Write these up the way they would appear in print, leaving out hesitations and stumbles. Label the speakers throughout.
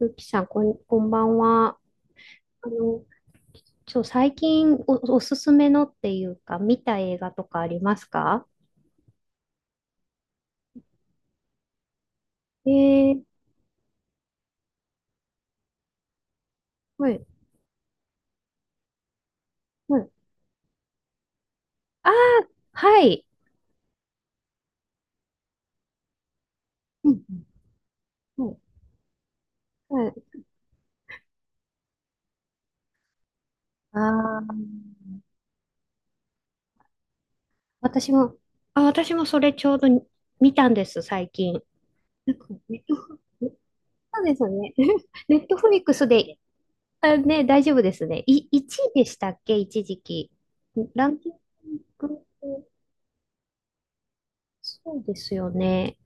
Speaker 1: ゆきさん、こんばんは。あの、最近おすすめのっていうか、見た映画とかありますか？えー、はい、はい。ああ、はい。うん、うん、はい。はい。ああ。私も、私もそれちょうどに見たんです、最近。なんか、ネットフ、そうですよね。ネットフリックスで、あ、ね、大丈夫ですね。1位でしたっけ、一時期？ランキング。そうですよね。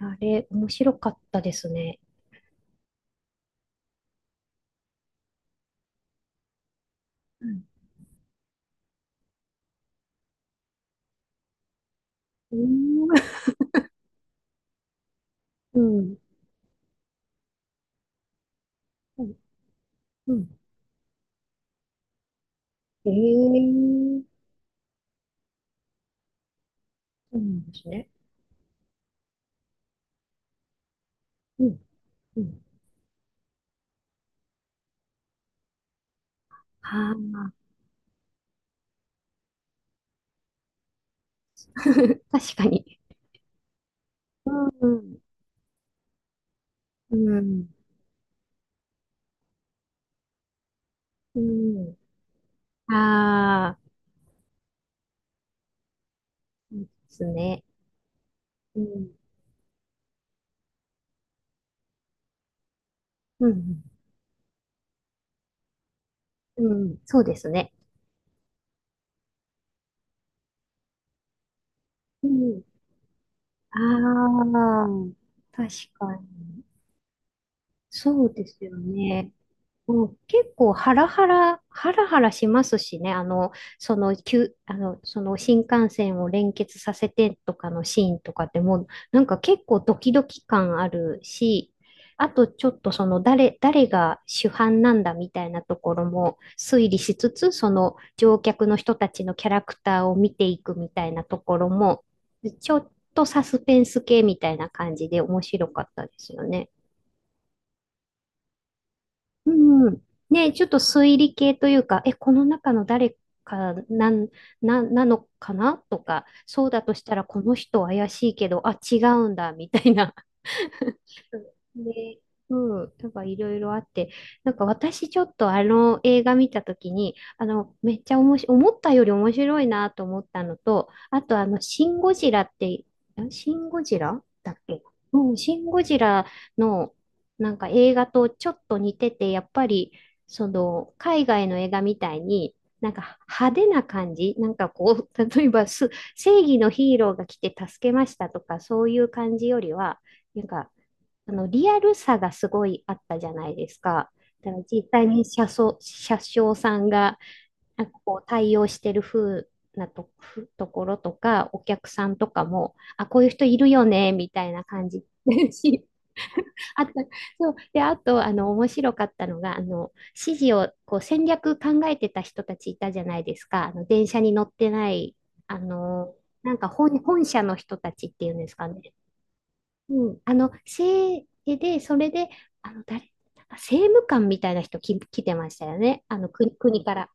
Speaker 1: あれ、面白かったですね。うん。うーん。うん。うん。うん。ええ。そうなんですね。うん。うん。ああ、確かに。うん。うん。うん。ああ、そうですね。うん。うん。うん。うん。そうですね。うん。ああ、確かに。そうですよね。うん、結構ハラハラ、ハラハラしますしね、その、急あの、その新幹線を連結させてとかのシーンとかでもなんか結構ドキドキ感あるし、あとちょっとその誰が主犯なんだみたいなところも推理しつつ、その乗客の人たちのキャラクターを見ていくみたいなところも、ちょっとサスペンス系みたいな感じで面白かったですよね。うん。ねえ、ちょっと推理系というか、この中の誰かなのかなとか、そうだとしたらこの人怪しいけど、あ、違うんだ、みたいな。 で、うん、なんかいろいろあって、なんか私ちょっとあの映画見たときに、めっちゃ面白い、思ったより面白いなと思ったのと、あとシン・ゴジラって、シン・ゴジラだっけ？うん、シン・ゴジラのなんか映画とちょっと似てて、やっぱり、その、海外の映画みたいに、なんか派手な感じ、なんかこう、例えば正義のヒーローが来て助けましたとか、そういう感じよりは、なんか、リアルさがすごいあったじゃないですか。だから実際に車掌さんがなんかこう対応してる風なと、ところとか、お客さんとかも、あ、こういう人いるよね、みたいな感じ。 しあと、そう。で、あと、面白かったのが、指示を、こう、戦略考えてた人たちいたじゃないですか。電車に乗ってない、あの、なんか本社の人たちっていうんですかね。うん、それで、あの、誰、なんか政務官みたいな人来てましたよね。国から。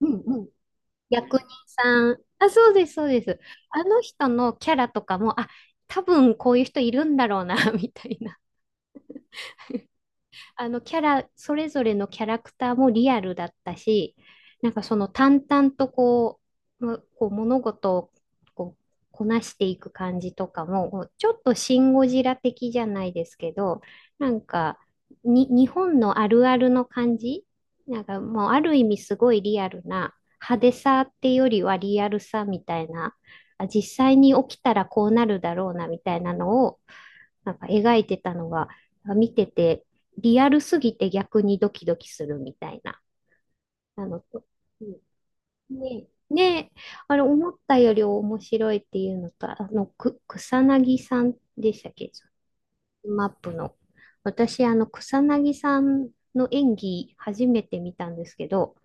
Speaker 1: うん、うん。役人さん。あ、そうです、そうです。あの人のキャラとかも、あ、多分こういう人いるんだろうな、みたいな。あのキャラ、それぞれのキャラクターもリアルだったし、なんかその淡々とこう物事をこうこなしていく感じとかも、こうちょっとシン・ゴジラ的じゃないですけど、なんか日本のあるあるの感じ、なんかもうある意味すごいリアルな派手さっていうよりはリアルさみたいな、あ実際に起きたらこうなるだろうなみたいなのをなんか描いてたのが、見てて、リアルすぎて逆にドキドキするみたいな、あの、うん。ね、ね、あれ、思ったより面白いっていうのと、草薙さんでしたっけ？マップの。私、草薙さんの演技、初めて見たんですけど、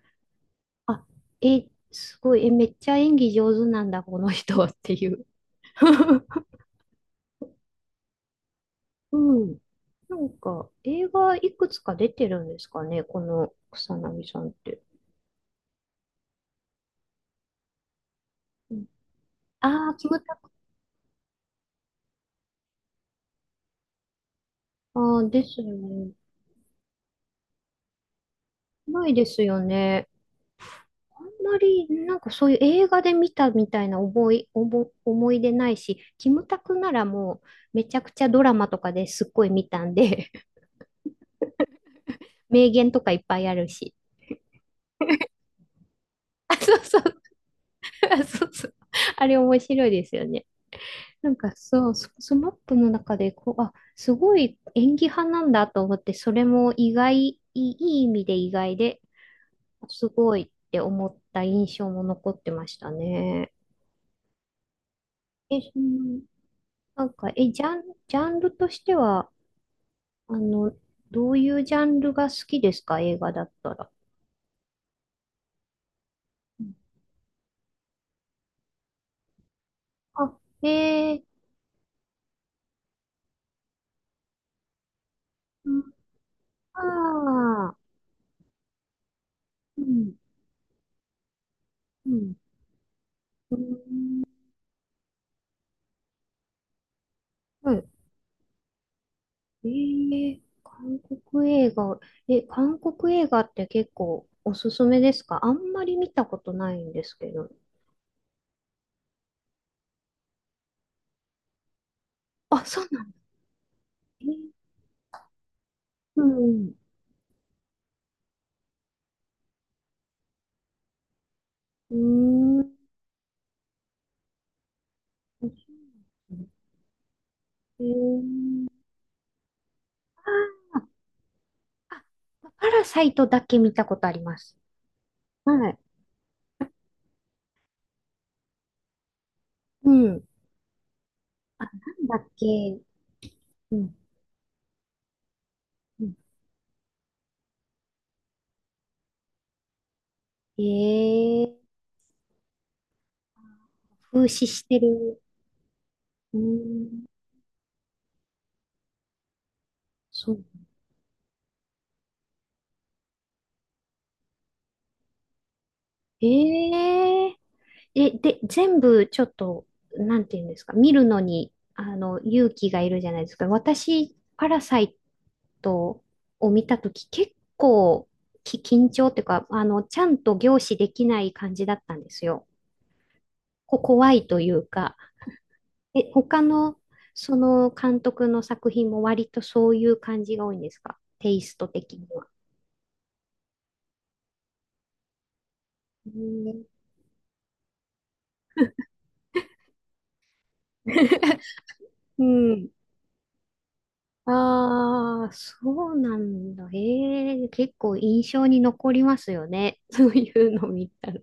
Speaker 1: あ、すごい、めっちゃ演技上手なんだ、この人っていう。うん。なんか、映画いくつか出てるんですかね、この草薙さんって。うん、ああ、キムタク。ああ、ですよね。ないですよね。あんまり、なんかそういう映画で見たみたいな覚え、おぼ、思い出ないし、キムタクならもう、めちゃくちゃドラマとかですっごい見たんで。 名言とかいっぱいあるし。あ、そうそう。あ、そうそう。あれ面白いですよね。なんかそう、マップの中でこう、あ、すごい演技派なんだと思って、それも意外、いい意味で意外で、すごいって思った印象も残ってましたね。そのなんか、ジャンルとしては、あの、どういうジャンルが好きですか？映画だったら。うん。あ。えー。うん。あー。うん。うん。うん。うん。えー、韓国映画、韓国映画って結構おすすめですか？あんまり見たことないんですけど。あ、そうなんだ。えうん。うーん。えー、あー、あ、パラサイトだけ見たことあります。はい。うん。なんだっけ？うん。うん。えー、風刺してる。うーん。そう。えー、で、全部ちょっと、なんていうんですか、見るのに、勇気がいるじゃないですか。私、パラサイトを見たとき、結構緊張っていうか、ちゃんと凝視できない感じだったんですよ。怖いというか、他の、その監督の作品も割とそういう感じが多いんですか？テイスト的には。うん。うん。ああ、そうなんだ。ええ、結構印象に残りますよね。そういうの見たら。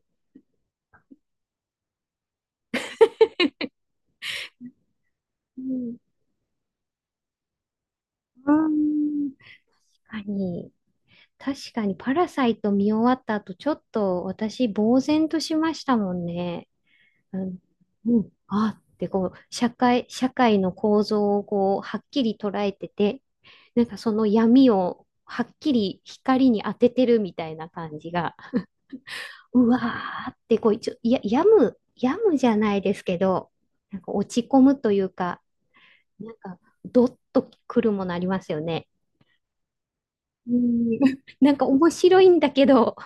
Speaker 1: うん。あー、確かに。確かに、パラサイト見終わった後、ちょっと私、呆然としましたもんね。うん。うん。あーって、こう、社会の構造をこう、はっきり捉えてて、なんかその闇をはっきり光に当ててるみたいな感じが。うわーってこう一応、いや、病む、病むじゃないですけど、なんか落ち込むというか、なんかドッとくるものありますよね。うん、なんか面白いんだけど、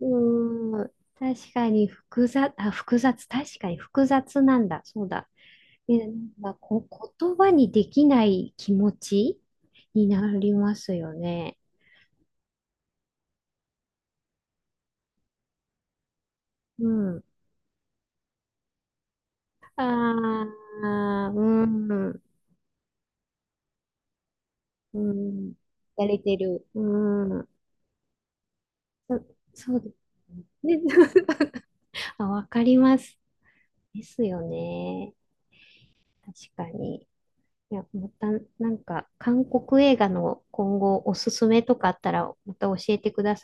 Speaker 1: うん、確かに複雑、あ、複雑、確かに複雑なんだ、そうだ。で、なんかこう言葉にできない気持ちになりますよね。うん。ああ、うん、うん、やれてる。うん。そ、そうですね。あ、わかります。ですよね。確かに。いや、また、なんか、韓国映画の今後おすすめとかあったら、また教えてください。